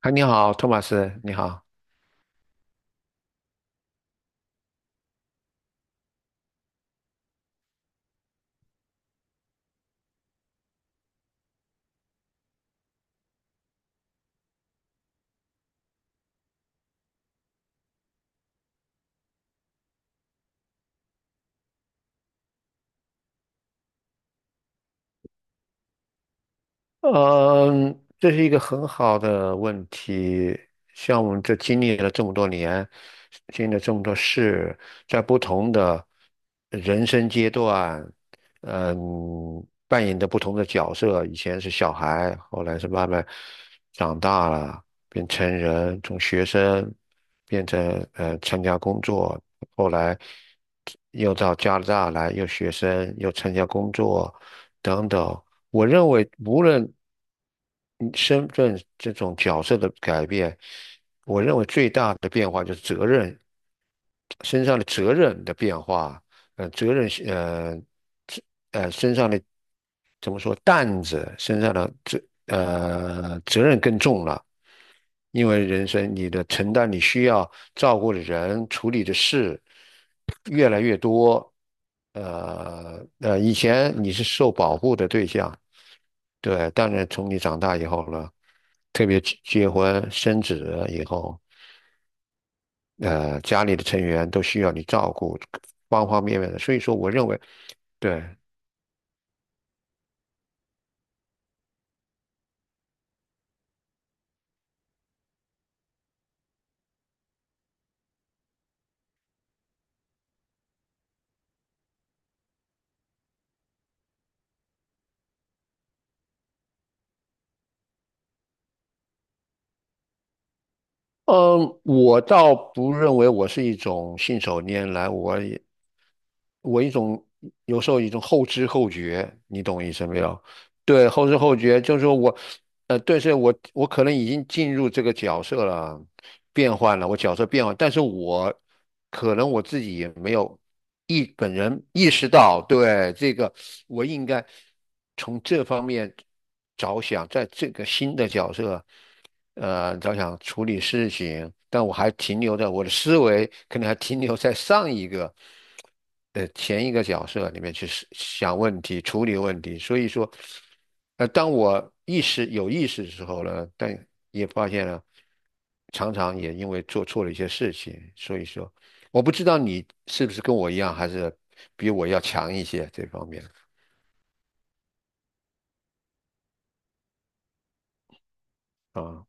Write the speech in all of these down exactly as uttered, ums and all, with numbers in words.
嗨，你好，托马斯，你好。嗯，这是一个很好的问题。像我们这经历了这么多年，经历了这么多事，在不同的人生阶段，嗯，扮演着不同的角色。以前是小孩，后来是慢慢长大了，变成人，从学生变成呃参加工作，后来又到加拿大来，又学生，又参加工作，等等。我认为无论嗯身份这种角色的改变，我认为最大的变化就是责任身上的责任的变化，呃，责任是呃这呃身上的怎么说担子身上的责呃责任更重了，因为人生你的承担你需要照顾的人处理的事越来越多。呃呃，以前你是受保护的对象，对，当然从你长大以后呢，特别结结婚生子以后，呃，家里的成员都需要你照顾，方方面面的。所以说，我认为，对，嗯，我倒不认为我是一种信手拈来，我也我一种有时候一种后知后觉，你懂我意思没有？对，后知后觉就是说我，呃，对，是我我可能已经进入这个角色了，变换了，我角色变换，但是我可能我自己也没有意本人意识到，对，这个我应该从这方面着想，在这个新的角色，呃，着想处理事情，但我还停留在我的思维，可能还停留在上一个的前一个角色里面去思想问题、处理问题。所以说，呃，当我意识有意识的时候呢，但也发现了，常常也因为做错了一些事情。所以说，我不知道你是不是跟我一样，还是比我要强一些这方面啊。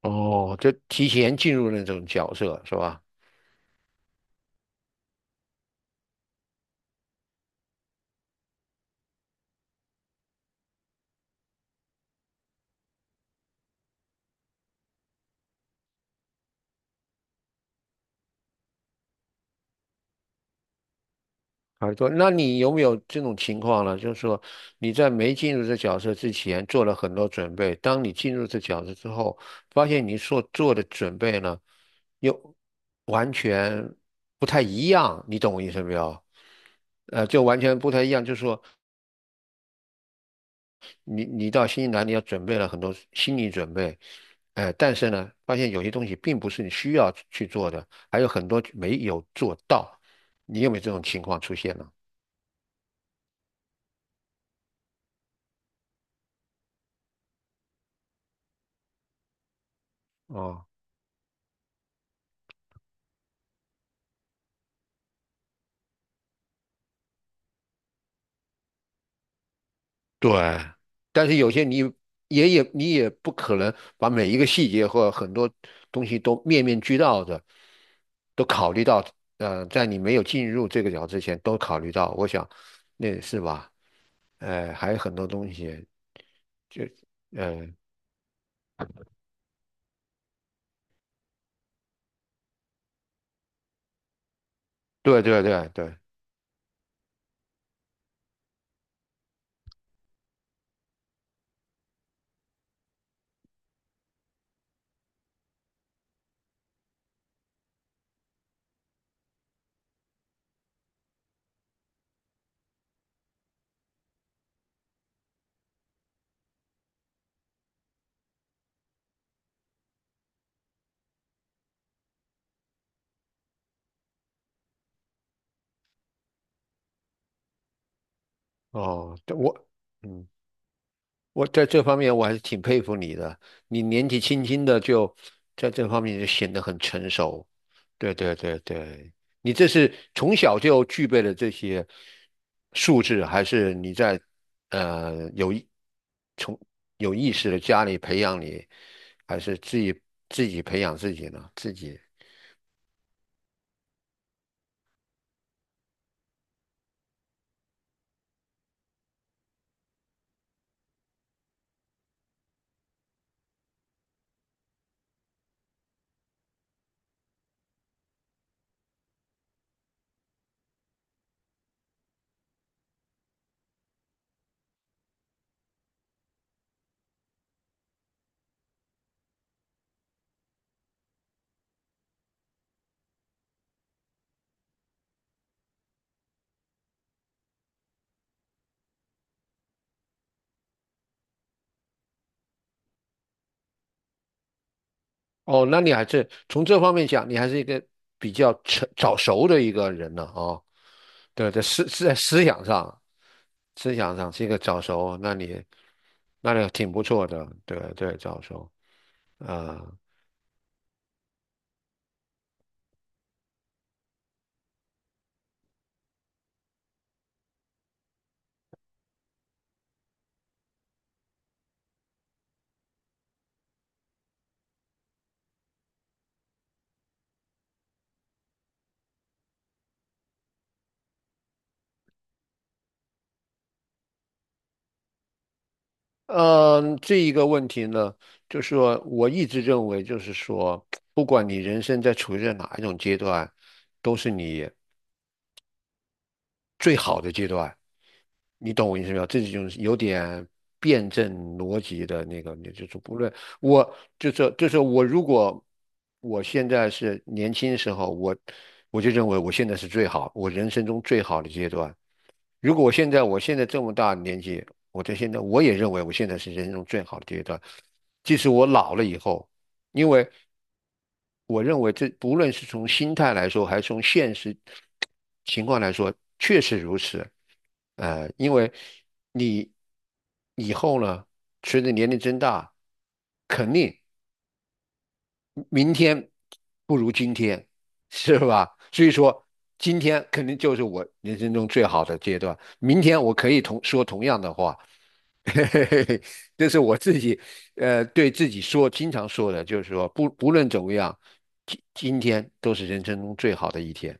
哦，就提前进入那种角色是吧？耳朵，那你有没有这种情况呢？就是说，你在没进入这角色之前做了很多准备，当你进入这角色之后，发现你所做的准备呢，又完全不太一样，你懂我意思没有？呃，就完全不太一样。就是说你，你到新西兰，你要准备了很多心理准备，呃，但是呢，发现有些东西并不是你需要去做的，还有很多没有做到。你有没有这种情况出现呢？哦。对，但是有些你也也你也不可能把每一个细节或很多东西都面面俱到的都考虑到，呃，在你没有进入这个角之前都考虑到，我想那是吧？呃，还有很多东西，就呃，对对对对，哦，我嗯。我在这方面我还是挺佩服你的，你年纪轻轻的就在这方面就显得很成熟。对对对对，你这是从小就具备了这些素质，还是你在呃有意从有意识的家里培养你，还是自己自己培养自己呢？自己。哦，那你还是从这方面讲，你还是一个比较成早熟的一个人呢啊、对，在思是在思想上，思想上是一个早熟，那你那你挺不错的，对对，早熟啊，嗯，这一个问题呢，就是说我一直认为，就是说，不管你人生在处于在哪一种阶段，都是你最好的阶段。你懂我意思没有？这就是有点辩证逻辑的那个，你就是不论我，就是就是我，如果我现在是年轻时候，我我就认为我现在是最好，我人生中最好的阶段。如果我现在我现在这么大的年纪，我在现在我也认为我现在是人生中最好的阶段。即使我老了以后，因为我认为这不论是从心态来说，还是从现实情况来说，确实如此。呃，因为你以后呢，随着年龄增大，肯定明天不如今天，是吧？所以说，今天肯定就是我人生中最好的阶段。明天我可以同说同样的话，嘿嘿嘿嘿，这是我自己，呃，对自己说，经常说的，就是说，不不论怎么样，今今天都是人生中最好的一天。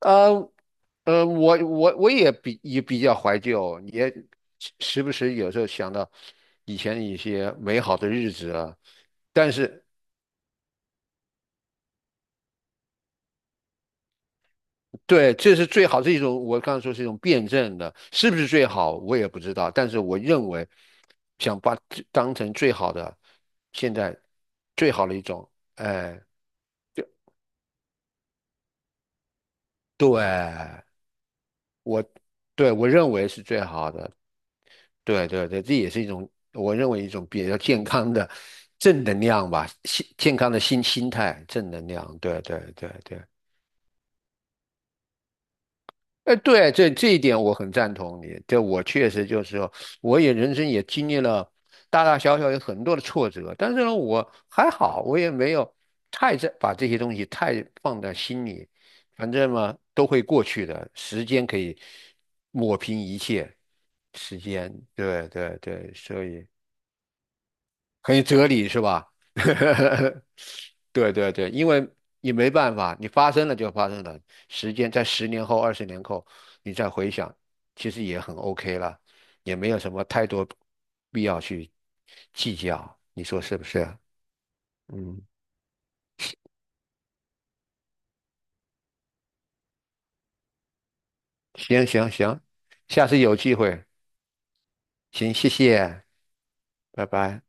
呃，呃，我我我也比也比较怀旧，也时时不时有时候想到以前一些美好的日子啊，但是对，这是最好，是一种我刚才说是一种辩证的，是不是最好我也不知道，但是我认为想把这当成最好的，现在最好的一种，哎，对，我对我认为是最好的，对对对，这也是一种我认为一种比较健康的正能量吧，心健康的心心态，正能量，对对对对。呃，对，这这一点我很赞同你。这我确实就是说，我也人生也经历了大大小小有很多的挫折，但是呢，我还好，我也没有太在把这些东西太放在心里，反正嘛都会过去的，时间可以抹平一切，时间，对对对，所以。很有哲理是吧？对对对，因为你没办法，你发生了就发生了，时间在十年后、二十年后，你再回想，其实也很 OK 了，也没有什么太多必要去计较，你说是不是？嗯，行行行，下次有机会，行，谢谢，拜拜。